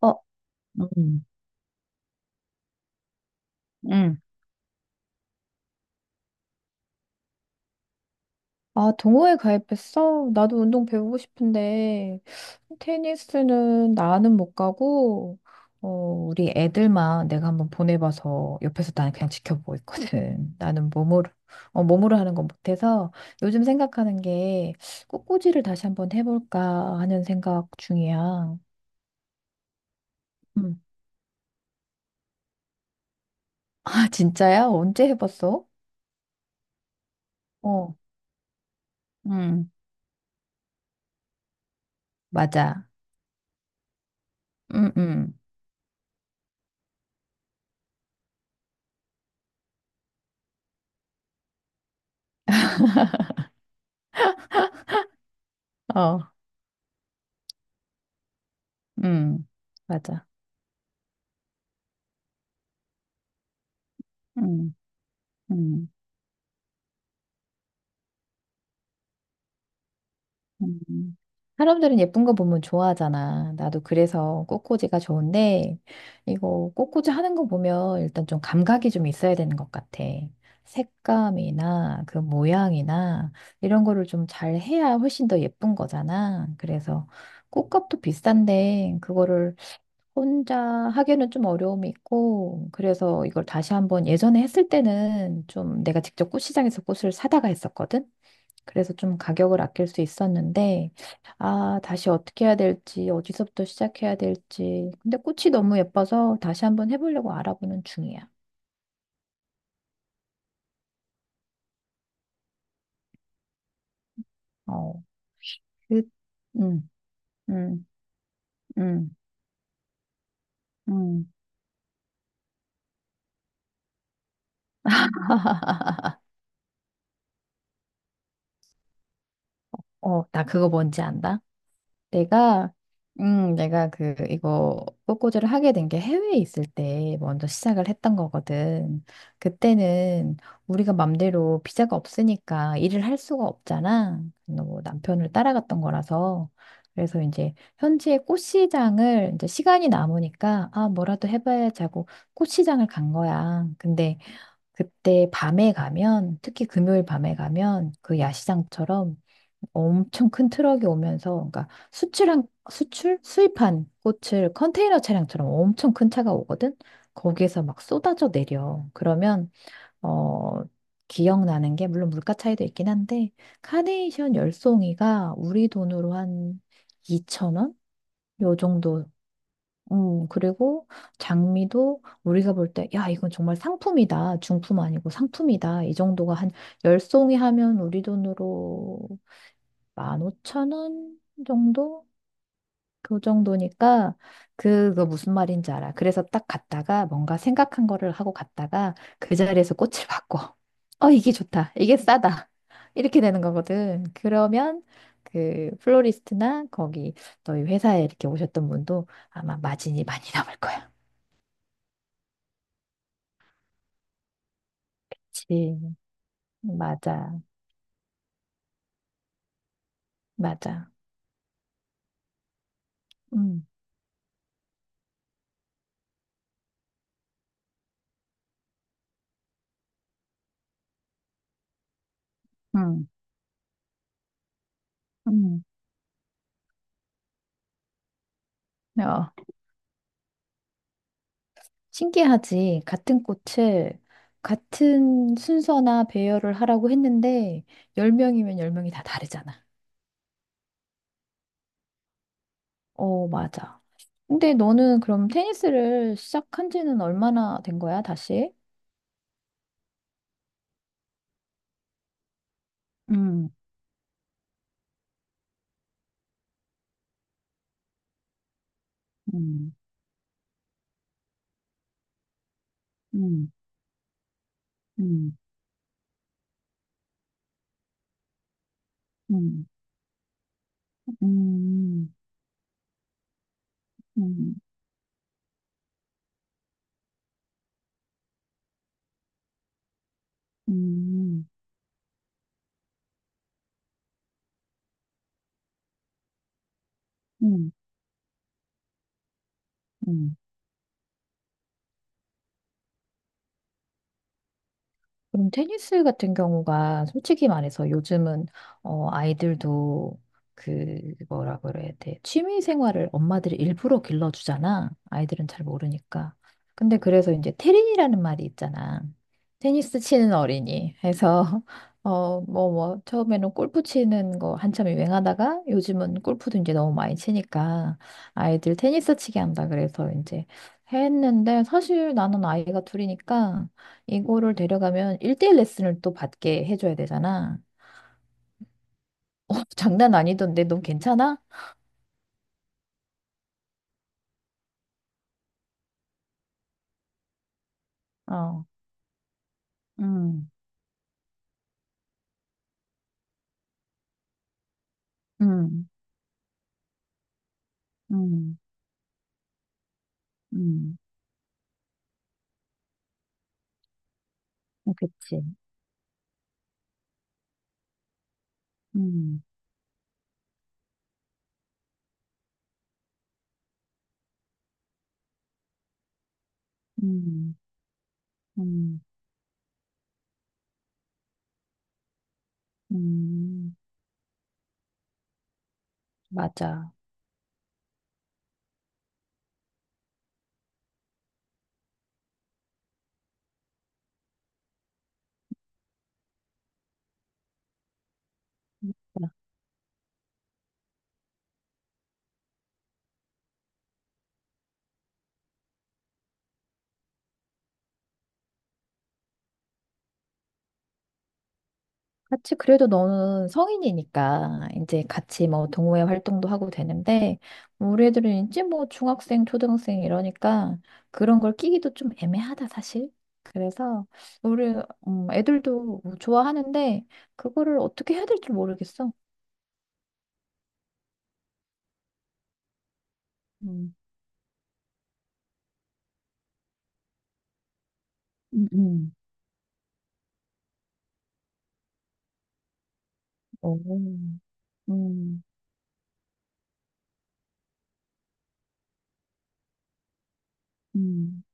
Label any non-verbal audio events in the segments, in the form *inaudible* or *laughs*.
어, 음, 음. 아, 동호회 가입했어? 나도 운동 배우고 싶은데, 테니스는 나는 못 가고, 우리 애들만 내가 한번 보내봐서 옆에서 나는 그냥 지켜보고 있거든. *laughs* 나는 몸으로, 몸으로 하는 건 못해서 요즘 생각하는 게 꽃꽂이를 다시 한번 해볼까 하는 생각 중이야. 음. 아, 진짜야? 언제 해봤어? 어, 음, 맞아. 음, 음, 어, 음, 맞아. 음, 음. 사람들은 예쁜 거 보면 좋아하잖아. 나도 그래서 꽃꽂이가 좋은데, 이거 꽃꽂이 하는 거 보면 일단 좀 감각이 좀 있어야 되는 것 같아. 색감이나 그 모양이나 이런 거를 좀 잘 해야 훨씬 더 예쁜 거잖아. 그래서 꽃값도 비싼데, 그거를 혼자 하기에는 좀 어려움이 있고, 그래서 이걸 다시 한번 예전에 했을 때는 좀 내가 직접 꽃시장에서 꽃을 사다가 했었거든? 그래서 좀 가격을 아낄 수 있었는데, 아, 다시 어떻게 해야 될지, 어디서부터 시작해야 될지. 근데 꽃이 너무 예뻐서 다시 한번 해보려고 알아보는 중이야. 어, 그, 음, 음, 음, 음. *laughs* 어, 나 그거 뭔지 안다? 내가 내가 그 이거 꽃꽂이를 하게 된 게 해외에 있을 때 먼저 시작을 했던 거거든. 그때는 우리가 맘대로 비자가 없으니까 일을 할 수가 없잖아. 뭐 남편을 따라갔던 거라서 그래서 이제 현지의 꽃시장을 이제 시간이 남으니까 아 뭐라도 해봐야지 하고 꽃시장을 간 거야. 근데 그때 밤에 가면, 특히 금요일 밤에 가면 그 야시장처럼 엄청 큰 트럭이 오면서, 그러니까 수출한, 수출? 수입한 꽃을 컨테이너 차량처럼 엄청 큰 차가 오거든? 거기에서 막 쏟아져 내려. 그러면, 어, 기억나는 게, 물론 물가 차이도 있긴 한데, 카네이션 열송이가 우리 돈으로 한2천원 요 정도 그리고 장미도 우리가 볼 때, 야, 이건 정말 상품이다. 중품 아니고 상품이다. 이 정도가 한 10송이 하면 우리 돈으로 15,000원 정도? 그 정도니까 그거 무슨 말인지 알아. 그래서 딱 갔다가 뭔가 생각한 거를 하고 갔다가 그 자리에서 꽃을 바꿔. 어, 이게 좋다. 이게 싸다. *laughs* 이렇게 되는 거거든. 그러면 그 플로리스트나 거기 너희 회사에 이렇게 오셨던 분도 아마 마진이 많이 남을 거야. 그치. 맞아. 맞아. 음, 음, 음. 어, 신기하지. 같은 꽃을 같은 순서나 배열을 하라고 했는데, 10명이면 10명이 다 다르잖아. 어, 맞아. 근데 너는 그럼 테니스를 시작한 지는 얼마나 된 거야, 다시? 음, 음, 음, 음, 음, 음, 음, 음, 음, 음. 음. 그럼 테니스 같은 경우가 솔직히 말해서 요즘은 어, 아이들도 그 뭐라 그래야 돼. 취미 생활을 엄마들이 일부러 길러주잖아. 아이들은 잘 모르니까. 근데 그래서 이제 테린이라는 말이 있잖아. 테니스 치는 어린이 해서 *laughs* 뭐, 뭐, 처음에는 골프 치는 거 한참 유행하다가 요즘은 골프도 이제 너무 많이 치니까 아이들 테니스 치게 한다 그래서 이제 했는데 사실 나는 아이가 둘이니까 이거를 데려가면 1대1 레슨을 또 받게 해줘야 되잖아. *laughs* 어, 장난 아니던데, 넌 괜찮아? 어, 음, 음, 음, 음, 어, 그치. 음, 음, 음, 음, 맞아. 같이 그래도 너는 성인이니까 이제 같이 뭐 동호회 활동도 하고 되는데 뭐 우리 애들은 이제 뭐 중학생, 초등학생 이러니까 그런 걸 끼기도 좀 애매하다 사실. 그래서 우리 애들도 뭐 좋아하는데 그거를 어떻게 해야 될지 모르겠어. 음. 음, 음. 오, 음, 음,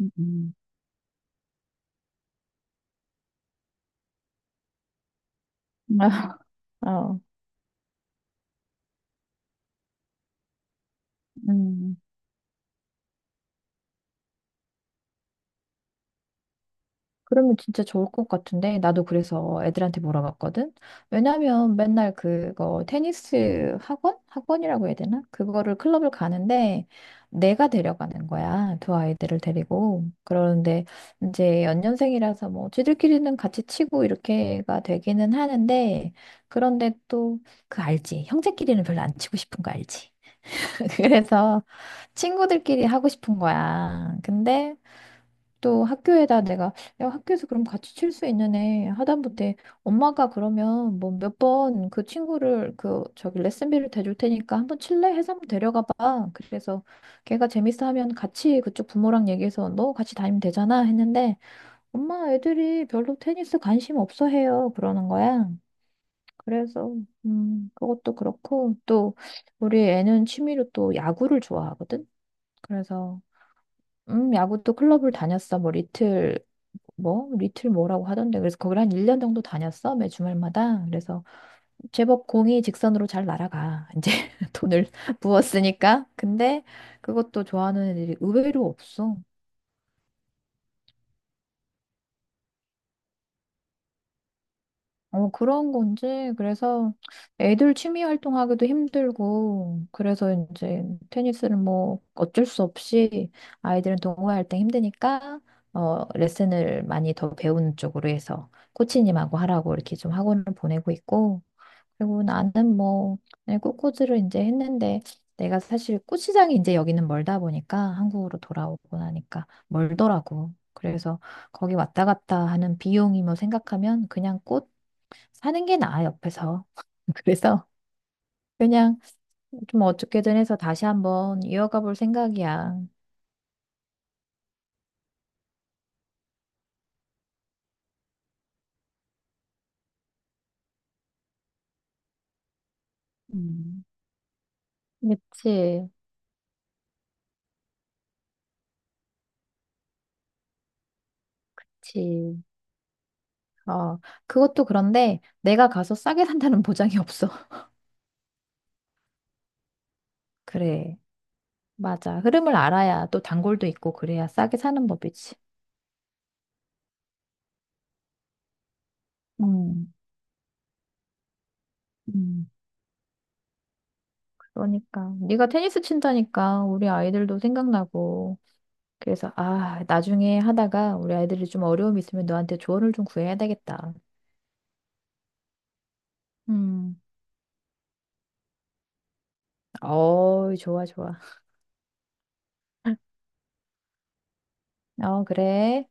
음. *laughs* 어. 음. 그러면 진짜 좋을 것 같은데 나도 그래서 애들한테 물어봤거든. 왜냐면 맨날 그거 테니스 학원? 학원이라고 해야 되나? 그거를 클럽을 가는데 내가 데려가는 거야. 두 아이들을 데리고. 그러는데 이제 연년생이라서 뭐 쟤들끼리는 같이 치고 이렇게가 되기는 하는데 그런데 또 그 알지. 형제끼리는 별로 안 치고 싶은 거 알지. *laughs* 그래서 친구들끼리 하고 싶은 거야. 근데 또 학교에다 내가 야, 학교에서 그럼 같이 칠 수 있는 애 하다못해 엄마가 그러면 뭐 몇 번 그 친구를 그 저기 레슨비를 대줄 테니까 한번 칠래 해서 한번 데려가 봐. 그래서 걔가 재밌어 하면 같이 그쪽 부모랑 얘기해서 너 같이 다니면 되잖아 했는데 엄마 애들이 별로 테니스 관심 없어 해요. 그러는 거야. 그래서 그것도 그렇고 또 우리 애는 취미로 또 야구를 좋아하거든. 그래서 야구도 클럽을 다녔어. 뭐 리틀 뭐 리틀 뭐라고 하던데. 그래서 거기를 한 1년 정도 다녔어. 매 주말마다. 그래서 제법 공이 직선으로 잘 날아가. 이제 *laughs* 돈을 *laughs* 부었으니까. 근데 그것도 좋아하는 애들이 의외로 없어. 어, 그런 건지, 그래서 애들 취미 활동하기도 힘들고, 그래서 이제 테니스를 뭐 어쩔 수 없이 아이들은 동호회할 때 힘드니까, 레슨을 많이 더 배우는 쪽으로 해서 코치님하고 하라고 이렇게 좀 학원을 보내고 있고, 그리고 나는 뭐, 그냥 꽃꽂이를 이제 했는데, 내가 사실 꽃시장이 이제 여기는 멀다 보니까, 한국으로 돌아오고 나니까 멀더라고. 그래서 거기 왔다 갔다 하는 비용이 뭐 생각하면 그냥 꽃 사는 게 나아, 옆에서. *laughs* 그래서 그냥 좀 어떻게든 해서 다시 한번 이어가 볼 생각이야. 음. 그치, 그치. 어, 그것도 그런데 내가 가서 싸게 산다는 보장이 없어. *laughs* 그래, 맞아. 흐름을 알아야 또 단골도 있고 그래야 싸게 사는 법이지. 음. 음. 그러니까 네가 테니스 친다니까 우리 아이들도 생각나고 그래서 아 나중에 하다가 우리 아이들이 좀 어려움이 있으면 너한테 조언을 좀 구해야 되겠다. 음. 어, 좋아, 좋아. 어, 그래.